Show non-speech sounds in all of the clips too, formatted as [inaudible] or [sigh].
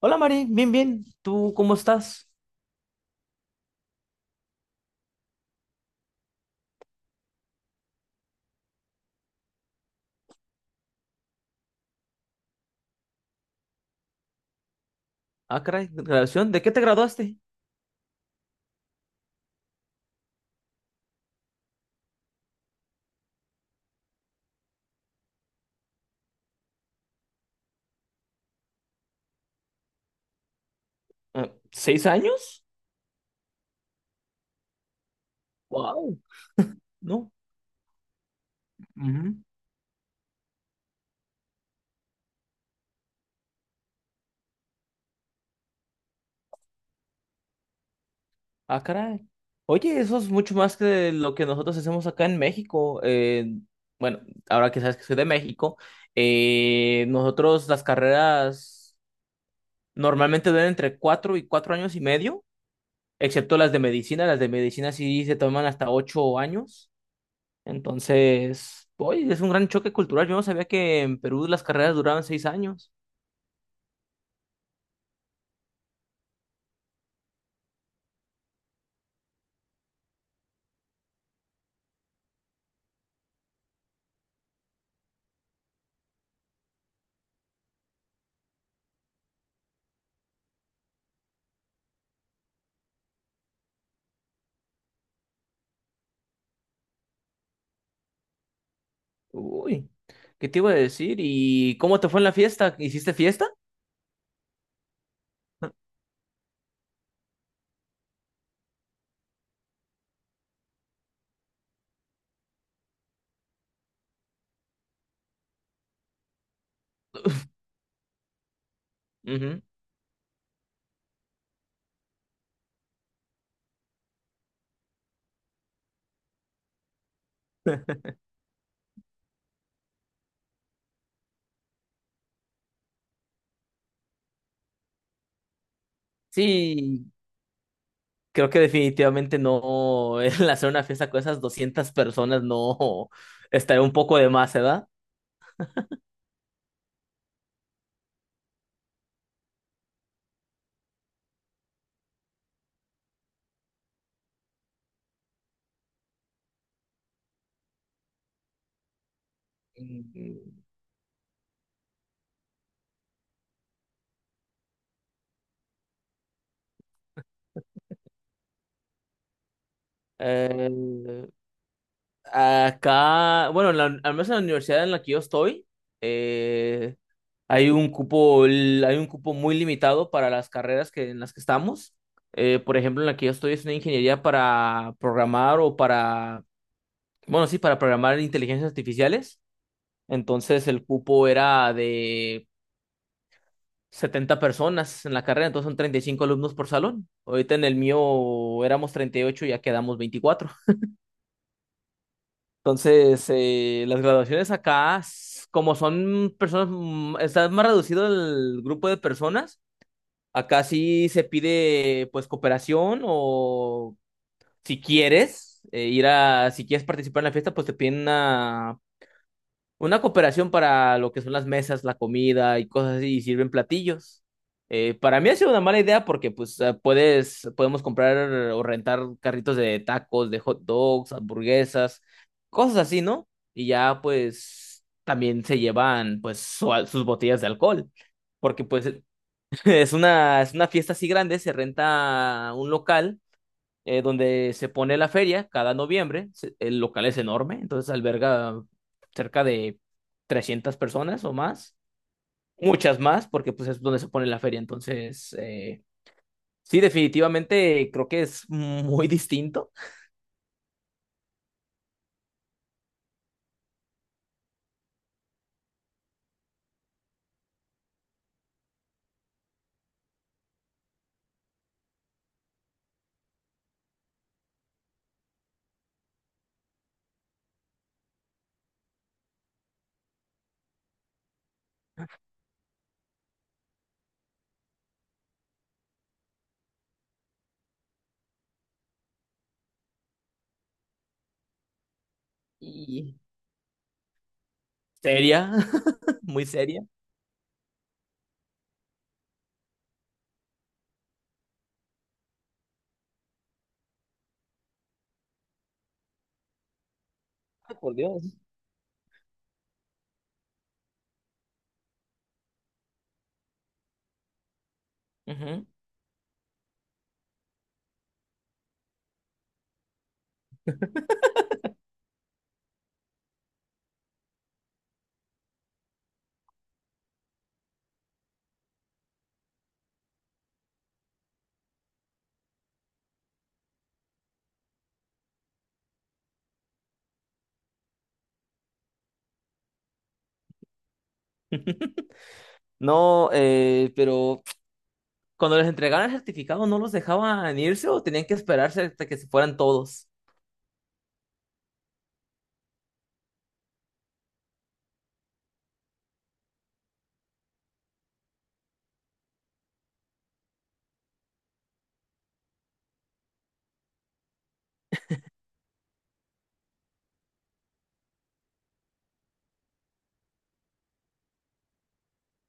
Hola Mari, bien, bien. ¿Tú cómo estás? Ah, caray, graduación. ¿De qué te graduaste? Ah, ¿6 años? Wow, no. Ujú. Ah, caray. Oye, eso es mucho más que lo que nosotros hacemos acá en México. Bueno, ahora que sabes que soy de México, nosotros las carreras normalmente duran entre 4 y 4 años y medio, excepto las de medicina. Las de medicina sí se toman hasta 8 años. Entonces, hoy es un gran choque cultural. Yo no sabía que en Perú las carreras duraban 6 años. Uy, ¿qué te iba a decir? ¿Y cómo te fue en la fiesta? ¿Hiciste fiesta? Ujú. Sí, creo que definitivamente no, [laughs] el hacer una fiesta con esas 200 personas no estaría un poco de más, ¿verdad? Mm, eh, Acá, bueno, al menos en la universidad en la que yo estoy, eh, Hay un cupo, hay un cupo muy limitado para las carreras que, en las que estamos. Por ejemplo, en la que yo estoy es una ingeniería para programar o para, bueno, sí, para programar inteligencias artificiales. Entonces el cupo era de 70 personas en la carrera, entonces son 35 alumnos por salón. Ahorita en el mío éramos 38 y ya quedamos 24. Entonces, las graduaciones acá, como son personas, está más reducido el grupo de personas. Acá sí se pide pues cooperación o si quieres participar en la fiesta, pues te piden una cooperación para lo que son las mesas, la comida y cosas así, y sirven platillos. Para mí ha sido una mala idea porque pues podemos comprar o rentar carritos de tacos, de hot dogs, hamburguesas, cosas así, ¿no? Y ya pues también se llevan pues sus botellas de alcohol. Porque pues es una fiesta así grande, se renta un local donde se pone la feria cada noviembre. El local es enorme, entonces alberga cerca de 300 personas o más, muchas más, porque pues es donde se pone la feria. Entonces, sí, definitivamente creo que es muy distinto y seria, [laughs] muy seria. Ay, por Dios. Ujú. No, pero cuando les entregaban el certificado, ¿no los dejaban irse o tenían que esperarse hasta que se fueran todos?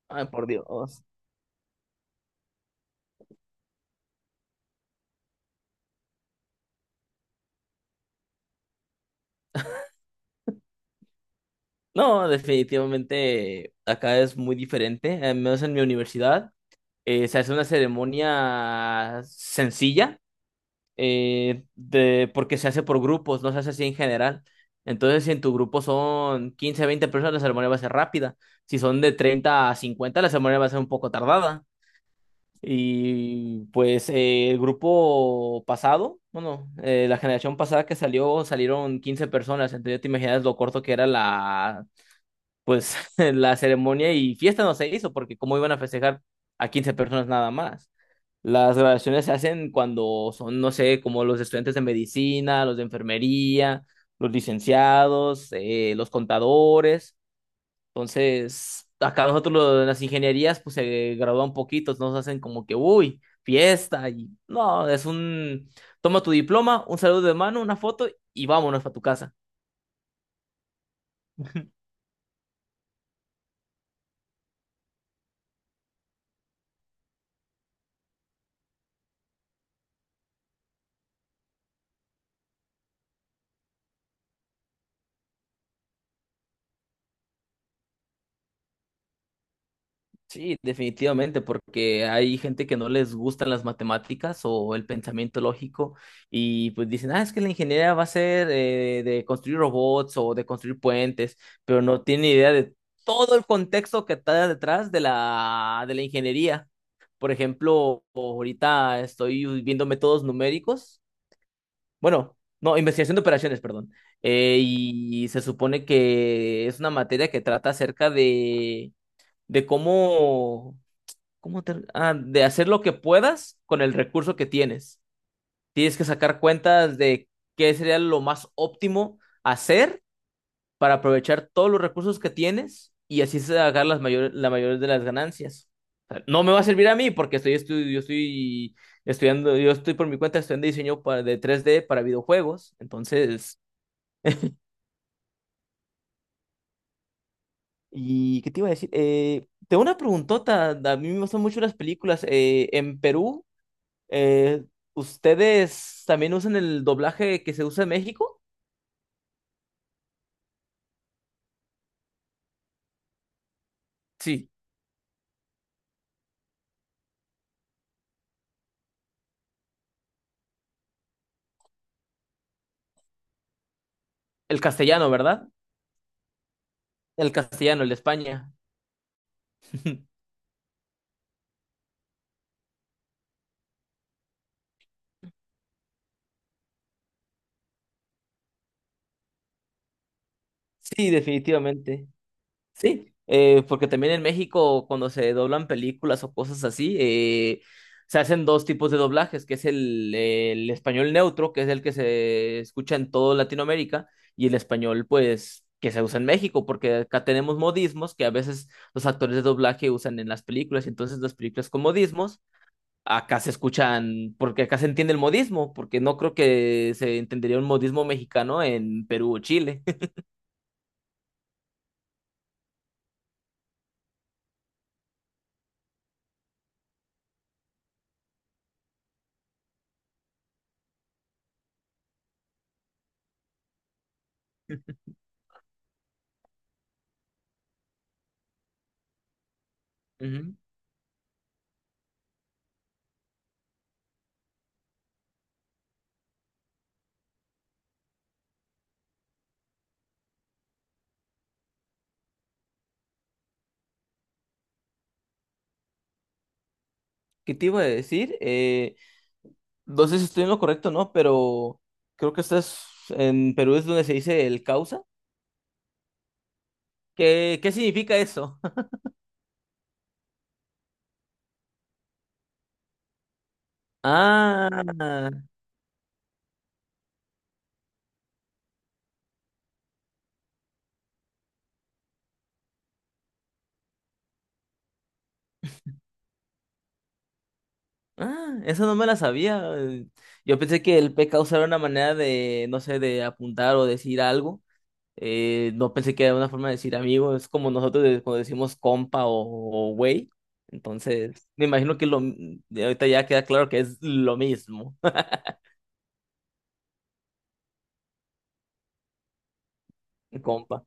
Ay, por Dios. No, definitivamente acá es muy diferente. Al menos en mi universidad, se hace una ceremonia sencilla, porque se hace por grupos, no se hace así en general. Entonces, si en tu grupo son 15, 20 personas, la ceremonia va a ser rápida. Si son de 30 a 50 la ceremonia va a ser un poco tardada. Y pues el grupo pasado, bueno, la generación pasada que salió, salieron 15 personas, entonces ya te imaginas lo corto que era la pues [laughs] la ceremonia. Y fiesta no se hizo porque cómo iban a festejar a 15 personas nada más. Las graduaciones se hacen cuando son, no sé, como los estudiantes de medicina, los de enfermería, los licenciados, los contadores. Entonces, acá nosotros en las ingenierías, pues se gradúan poquitos, nos hacen como que, uy, fiesta y no, es un, toma tu diploma, un saludo de mano, una foto y vámonos para tu casa. Sí, definitivamente, porque hay gente que no les gustan las matemáticas o el pensamiento lógico y pues dicen, ah, es que la ingeniería va a ser de construir robots o de construir puentes, pero no tienen idea de todo el contexto que está detrás de la ingeniería. Por ejemplo, ahorita estoy viendo métodos numéricos, bueno, no, investigación de operaciones, perdón. Y se supone que es una materia que trata acerca de cómo. ¿Cómo te- ah, de hacer lo que puedas con el recurso que tienes? Tienes que sacar cuentas de qué sería lo más óptimo hacer para aprovechar todos los recursos que tienes y así sacar las mayores, la mayor de las ganancias. O sea, no me va a servir a mí porque yo estoy estudiando, yo estoy por mi cuenta estudiando diseño para, de 3D para videojuegos. Entonces, ¿y qué te iba a decir? Tengo una preguntota. A mí me gustan mucho las películas. En Perú. Eh, ¿Ustedes también usan el doblaje que se usa en México? Sí, el castellano, ¿verdad? El castellano, el de España. [laughs] Sí, definitivamente. Sí, porque también en México cuando se doblan películas o cosas así, se hacen dos tipos de doblajes, que es el español neutro, que es el que se escucha en toda Latinoamérica, y el español, pues, que se usa en México, porque acá tenemos modismos que a veces los actores de doblaje usan en las películas, y entonces las películas con modismos acá se escuchan, porque acá se entiende el modismo, porque no creo que se entendería un modismo mexicano en Perú o Chile. [laughs] Ujú. ¿Qué te iba a decir? No sé si estoy en lo correcto, ¿no? Pero creo que estás en Perú es donde se dice el causa. ¿Qué significa eso? [laughs] Ah, ah, eso no me la sabía. Yo pensé que el P causa era una manera de, no sé, de apuntar o decir algo. No pensé que era una forma de decir amigo, es como nosotros cuando decimos compa o güey. Entonces, me imagino que lo, de ahorita ya queda claro que es lo mismo, [laughs] compa.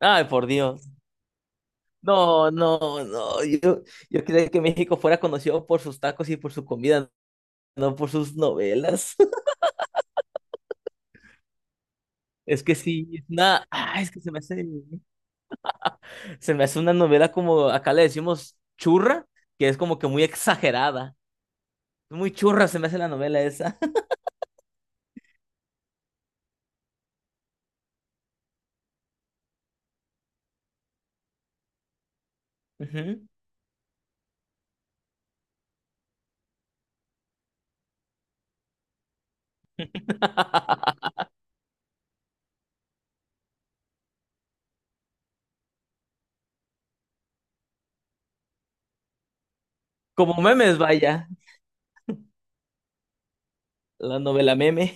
Ay, por Dios. No, no, no. Yo creía que México fuera conocido por sus tacos y por su comida, no por sus novelas. [laughs] Es que sí, es una, ah, es que se me hace una novela como acá le decimos churra, que es como que muy exagerada. Muy churra se me hace la novela esa. [laughs] Ujú. [laughs] Como memes, vaya, la novela meme.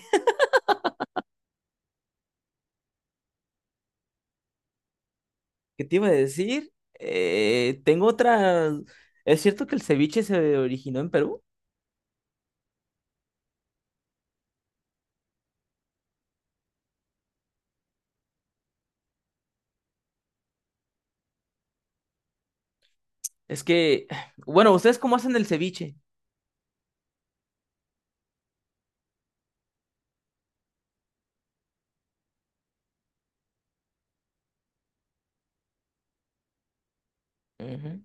¿Qué te iba a decir? Tengo otra. ¿Es cierto que el ceviche se originó en Perú? Es que, bueno, ¿ustedes cómo hacen el ceviche? Ujú.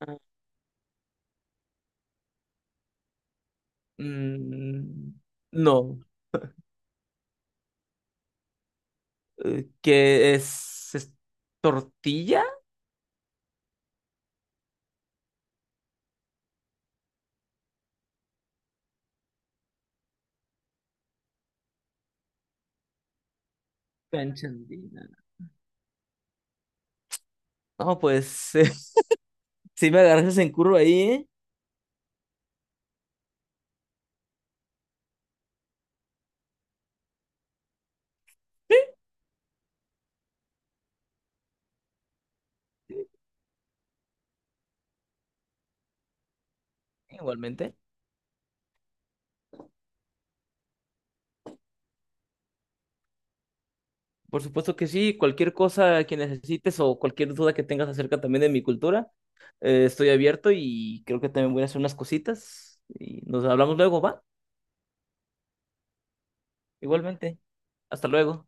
Ah, mm, no, ¿qué es? ¿Es tortilla? Canchandina. No, pues [laughs] sí me agarras en curva ahí, ¿eh? Igualmente. Por supuesto que sí, cualquier cosa que necesites o cualquier duda que tengas acerca también de mi cultura, estoy abierto y creo que también voy a hacer unas cositas y nos hablamos luego, ¿va? Igualmente. Hasta luego.